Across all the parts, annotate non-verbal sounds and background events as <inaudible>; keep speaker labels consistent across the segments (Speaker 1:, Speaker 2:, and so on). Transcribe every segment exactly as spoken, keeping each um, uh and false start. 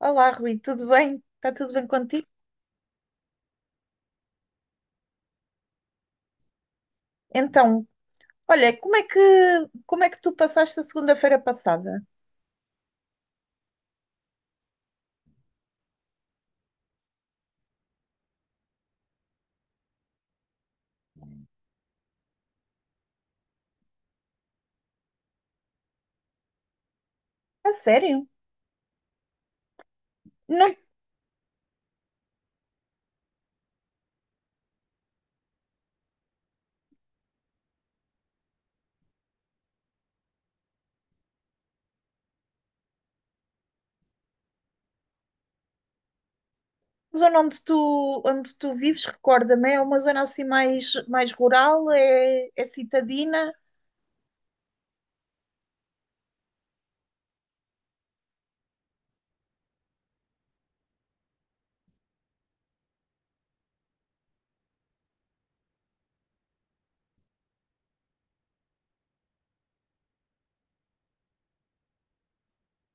Speaker 1: Olá, Rui, tudo bem? Está tudo bem contigo? Então, olha, como é que, como é que tu passaste a segunda-feira passada? A sério? Não, a zona onde tu, onde tu vives, recorda-me, é uma zona assim mais, mais, rural, é, é citadina.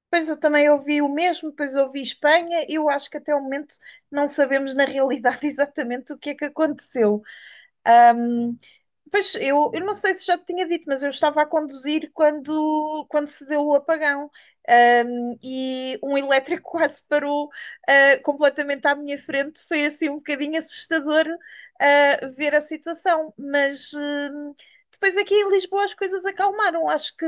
Speaker 1: Pois eu também ouvi o mesmo, depois ouvi Espanha. Eu acho que até o momento não sabemos na realidade <laughs> exatamente o que é que aconteceu. Ahm, Pois eu, eu, não sei se já te tinha dito, mas eu estava a conduzir quando, quando se deu o apagão. Ahm, e um elétrico <laughs> quase parou, ah, completamente à minha frente. Foi assim um bocadinho assustador, ah, ver a situação, mas. hum, Depois aqui em Lisboa as coisas acalmaram, acho que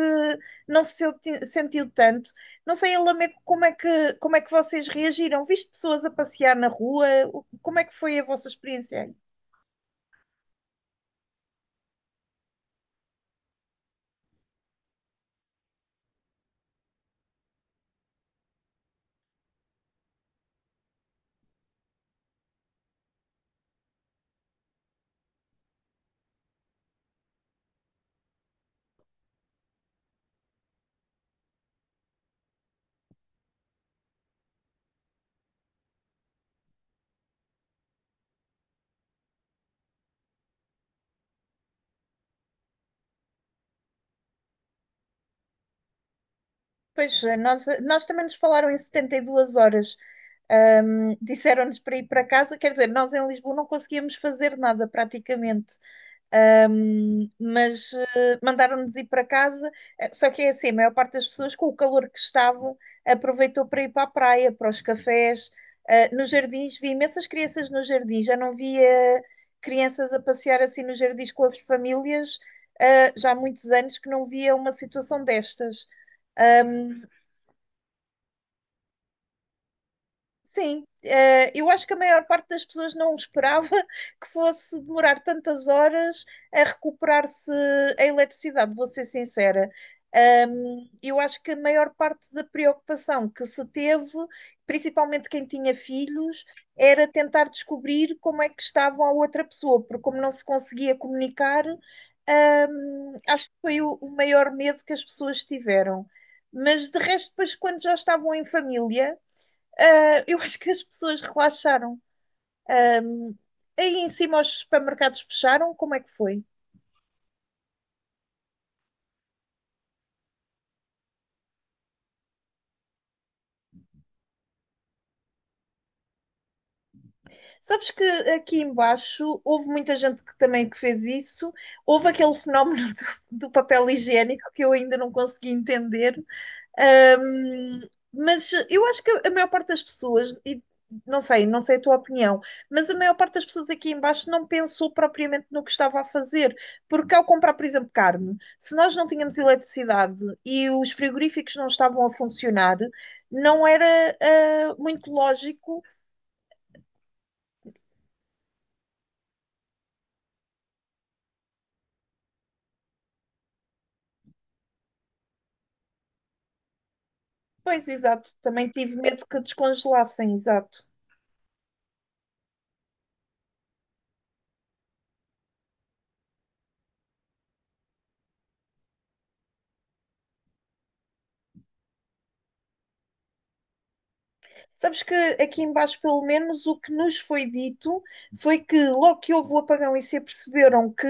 Speaker 1: não se senti- sentiu tanto. Não sei, em Lamego, como é que, como é que vocês reagiram? Viste pessoas a passear na rua? O- Como é que foi a vossa experiência? Pois, eh, nós, eh, nós também nos falaram em setenta e duas horas. Ahm, disseram-nos para ir para casa, quer dizer, nós em Lisboa não conseguíamos fazer nada praticamente. Ahm, mas eh, mandaram-nos ir para casa. Eh, só que é assim, a maior parte das pessoas, com o calor que estava, aproveitou para ir para a praia, para os cafés, eh, nos jardins. Vi imensas crianças nos jardins, já não via crianças a passear assim nos jardins com as famílias. Eh, já há muitos anos que não via uma situação destas. Sim, eh, eu acho que a maior parte das pessoas não esperava <laughs> que fosse demorar tantas horas a recuperar-se a eletricidade, vou ser sincera. Ahm, eu acho que a maior parte da preocupação que se teve, principalmente quem tinha filhos, era tentar descobrir como é que estava a outra pessoa, porque como não se conseguia comunicar, ahm, acho que foi o, o maior medo que as pessoas tiveram. Mas de resto, depois, quando já estavam em família, ah, eu acho que as pessoas relaxaram. Ah, Aí em cima os supermercados fecharam, como é que foi? Sabes que aqui embaixo houve muita gente que também que fez isso. Houve aquele fenómeno <laughs> do, do papel higiênico que eu ainda não consegui entender. Ahm, mas eu acho que a maior parte das pessoas, e não sei, não sei a tua opinião, mas a maior parte das pessoas aqui embaixo não pensou propriamente no que estava a fazer, porque ao comprar, por exemplo, carne, se nós não tínhamos eletricidade e os frigoríficos não estavam a funcionar, não era ah, muito lógico. Pois, exato. Também tive medo que descongelassem, exato. Sabes que aqui embaixo, pelo menos, o que nos foi dito foi que logo que houve o apagão e se aperceberam que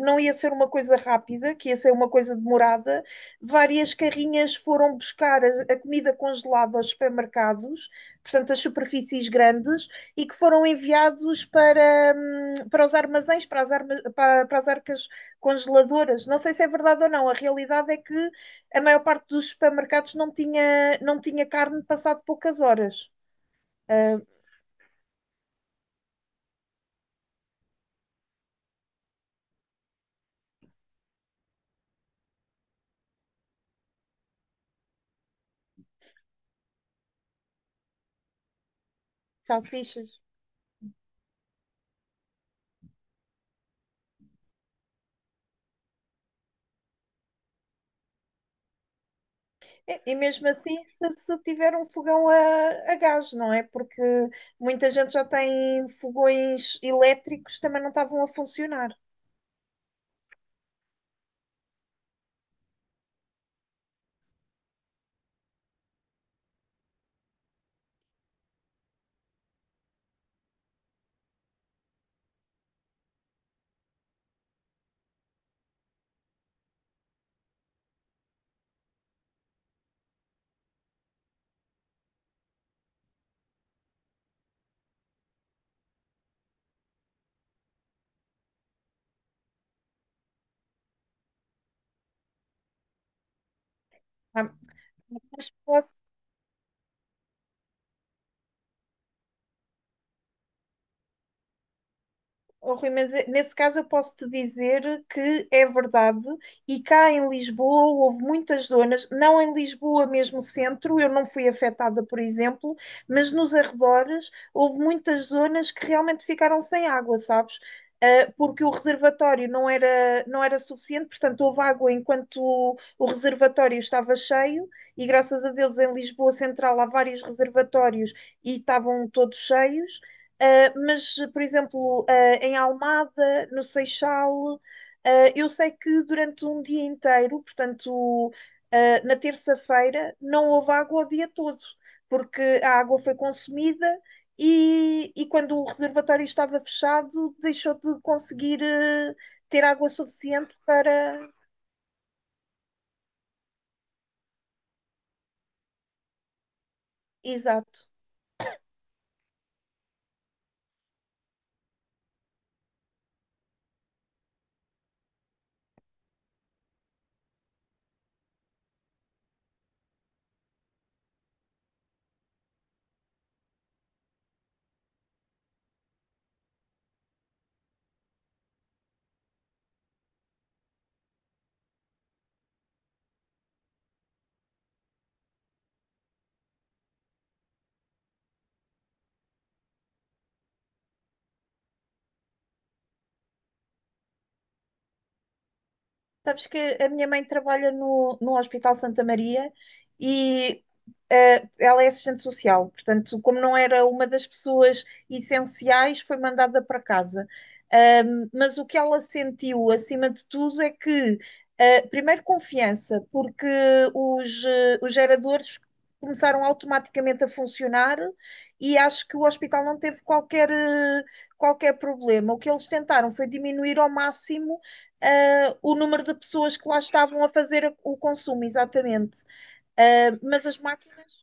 Speaker 1: não ia ser uma coisa rápida, que ia ser uma coisa demorada, várias carrinhas foram buscar a, a comida congelada aos supermercados, portanto, as superfícies grandes, e que foram enviados para, hum, para os armazéns, para as, arma- para- para as arcas congeladoras. Não sei se é verdade ou não, a realidade é que a maior parte dos supermercados não tinha, não tinha carne passado poucas horas. Salsichas. E e mesmo assim, se, se tiver um fogão a, a gás, não é? Porque muita gente já tem fogões elétricos, também não estavam a funcionar. Há muitas pessoas. Oh, Rui, mas eh, nesse caso eu posso te dizer que é verdade, e cá em Lisboa houve muitas zonas, não em Lisboa mesmo centro, eu não fui afetada, por exemplo, mas nos arredores houve muitas zonas que realmente ficaram sem água, sabes? Ah, porque o reservatório não era, não era suficiente, portanto houve água enquanto o, o reservatório estava cheio, e graças a Deus em Lisboa Central há vários reservatórios e estavam todos cheios. Uh, mas, por exemplo, uh, em Almada, no Seixal, uh, eu sei que durante um dia inteiro, portanto, uh, na terça-feira, não houve água o dia todo, porque a água foi consumida e, e quando o reservatório estava fechado, deixou de conseguir uh, ter água suficiente para. Exato. Sabes que a minha mãe trabalha no, no Hospital Santa Maria e, eh, ela é assistente social, portanto, como não era uma das pessoas essenciais, foi mandada para casa. Ahm, mas o que ela sentiu, acima de tudo, é que, eh, primeiro, confiança, porque os, eh, os geradores começaram automaticamente a funcionar e acho que o hospital não teve qualquer, eh, qualquer problema. O que eles tentaram foi diminuir ao máximo, ah, o número de pessoas que lá estavam a fazer o consumo, exatamente. Ah, mas as máquinas,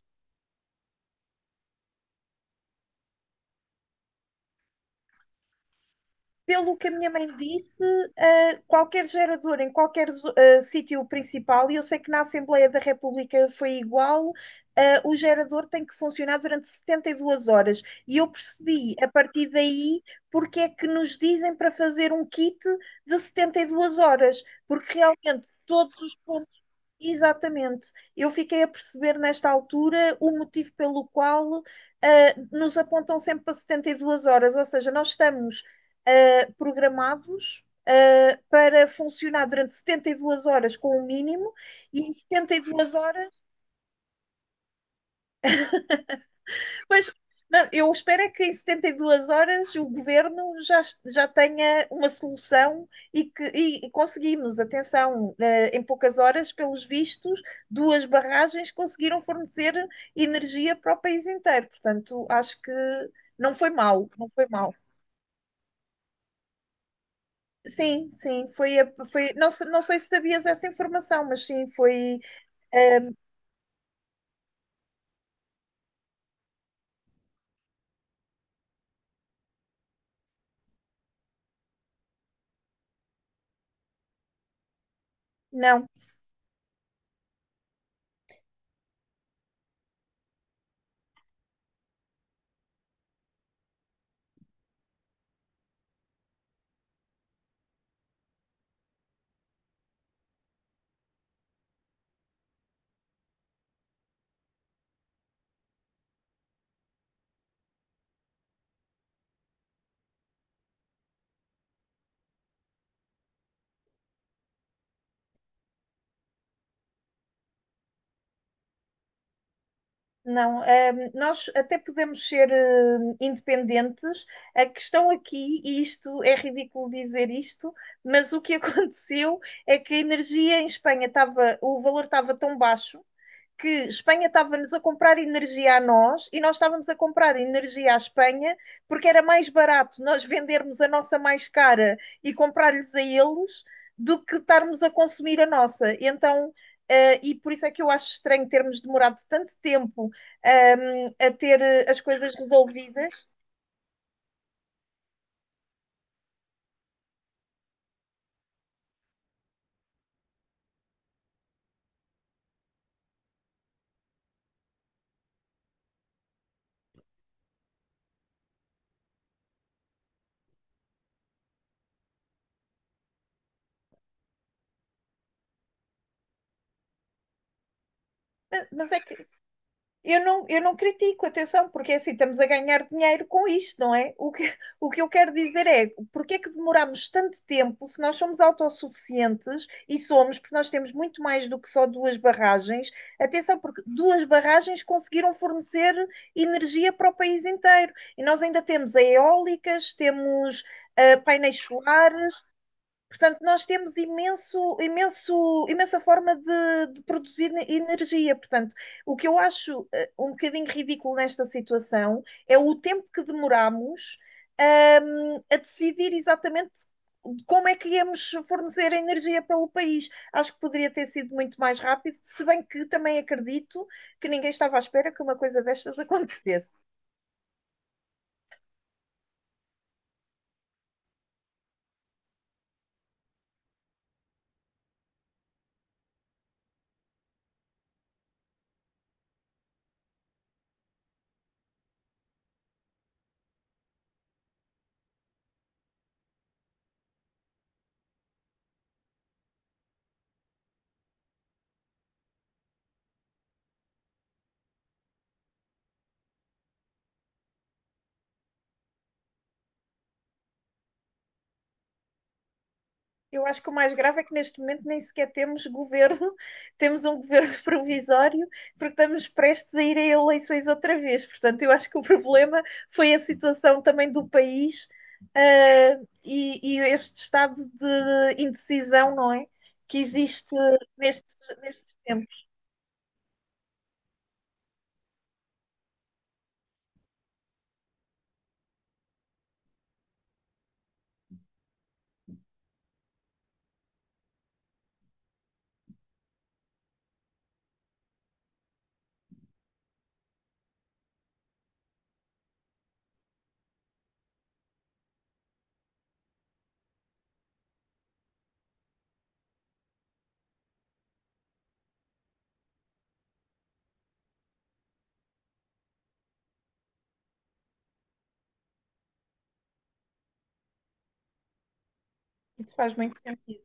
Speaker 1: pelo que a minha mãe disse, eh, qualquer gerador em qualquer zo- eh, sítio principal, e eu sei que na Assembleia da República foi igual, eh, o gerador tem que funcionar durante setenta e duas horas. E eu percebi a partir daí porque é que nos dizem para fazer um kit de setenta e duas horas, porque realmente todos os pontos. Exatamente. Eu fiquei a perceber nesta altura o motivo pelo qual, eh, nos apontam sempre para setenta e duas horas, ou seja, nós estamos uh, programados, uh, para funcionar durante setenta e duas horas com o mínimo e em setenta e duas horas. Pois, não, eu espero é que em setenta e duas horas o governo já, já tenha uma solução e que e, e conseguimos, atenção, eh, em poucas horas, pelos vistos, duas barragens conseguiram fornecer energia para o país inteiro. Portanto, acho que não foi mal, não foi mal. Sim, sim, foi, a- foi não, se- não sei se sabias essa informação, mas sim, foi. ah, não, não, ah, nós até podemos ser, ah, independentes. A questão aqui, e isto é ridículo dizer isto, mas o que <laughs> aconteceu é que a energia em Espanha estava, o valor estava tão baixo que Espanha estava-nos a comprar energia a nós e nós estávamos a comprar energia à Espanha porque era mais barato nós vendermos a nossa mais cara e comprar-lhes a eles do que estarmos a consumir a nossa. Então, Uh, e por isso é que eu acho estranho termos demorado tanto tempo, um, a ter, eh, as coisas resolvidas, mas, mas é que Eu não, eu não critico, atenção, porque é assim, estamos a ganhar dinheiro com isto, não é? O que, o que eu quero dizer é, porque é que demoramos tanto tempo se nós somos autossuficientes? E somos, porque nós temos muito mais do que só duas barragens. Atenção, porque duas barragens conseguiram fornecer energia para o país inteiro. E nós ainda temos eólicas, temos, ah, painéis solares. Portanto, nós temos imenso, imenso, imensa forma de, de produzir energia. Portanto, o que eu acho, eh, um bocadinho ridículo nesta situação é o tempo que demoramos, ahm, a decidir exatamente como é que íamos fornecer energia pelo país. Acho que poderia ter sido muito mais rápido, se bem que também acredito que ninguém estava à espera que uma coisa destas <laughs> acontecesse. Eu acho que o mais grave é que neste momento nem sequer temos governo, <laughs> temos um governo <laughs> provisório, porque estamos prestes a ir a eleições outra vez. Portanto, eu acho que o problema foi a situação também do país, ah, e, e este estado de indecisão, não é? Que existe nestes, nestes tempos. Isso faz muito sentido.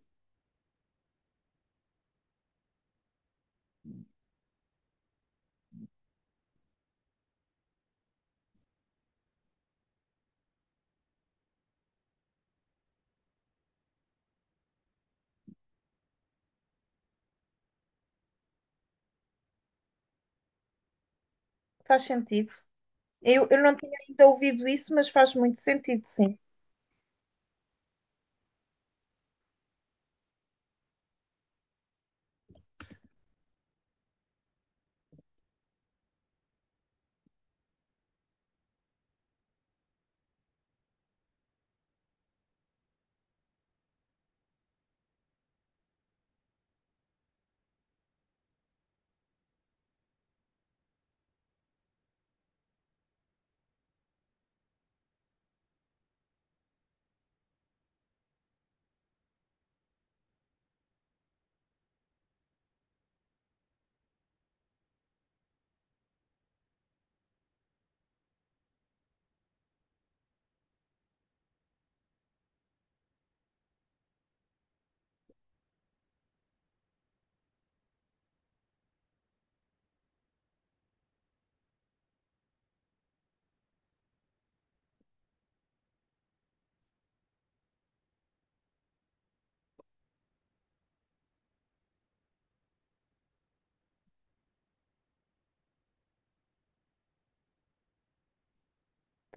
Speaker 1: Faz sentido. Eu, eu não tinha ainda ouvido isso, mas faz muito sentido, sim.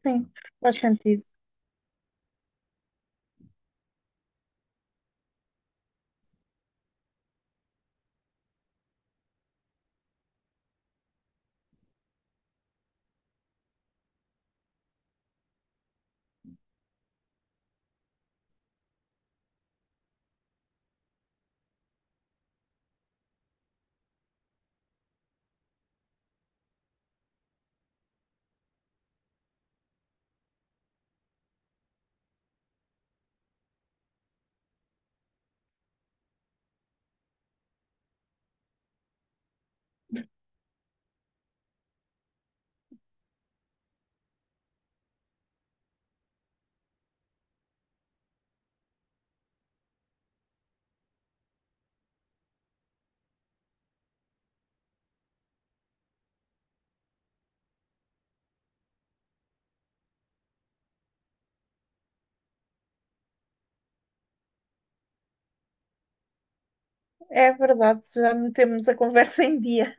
Speaker 1: Sim, faz sentido. É verdade, já metemos a conversa em dia.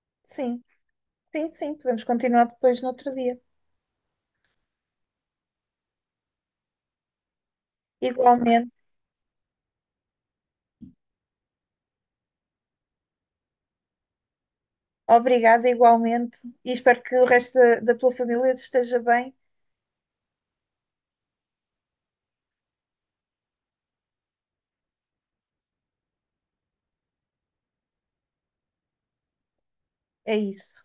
Speaker 1: <laughs> Sim. Sim, sim, podemos continuar depois no outro dia. Igualmente, obrigada, igualmente, e espero que o resto da, da tua família esteja bem. É isso.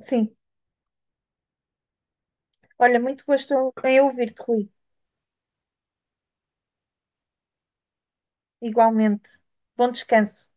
Speaker 1: Sim. Olha, muito gosto em ouvir-te, Rui. Igualmente. Bom descanso.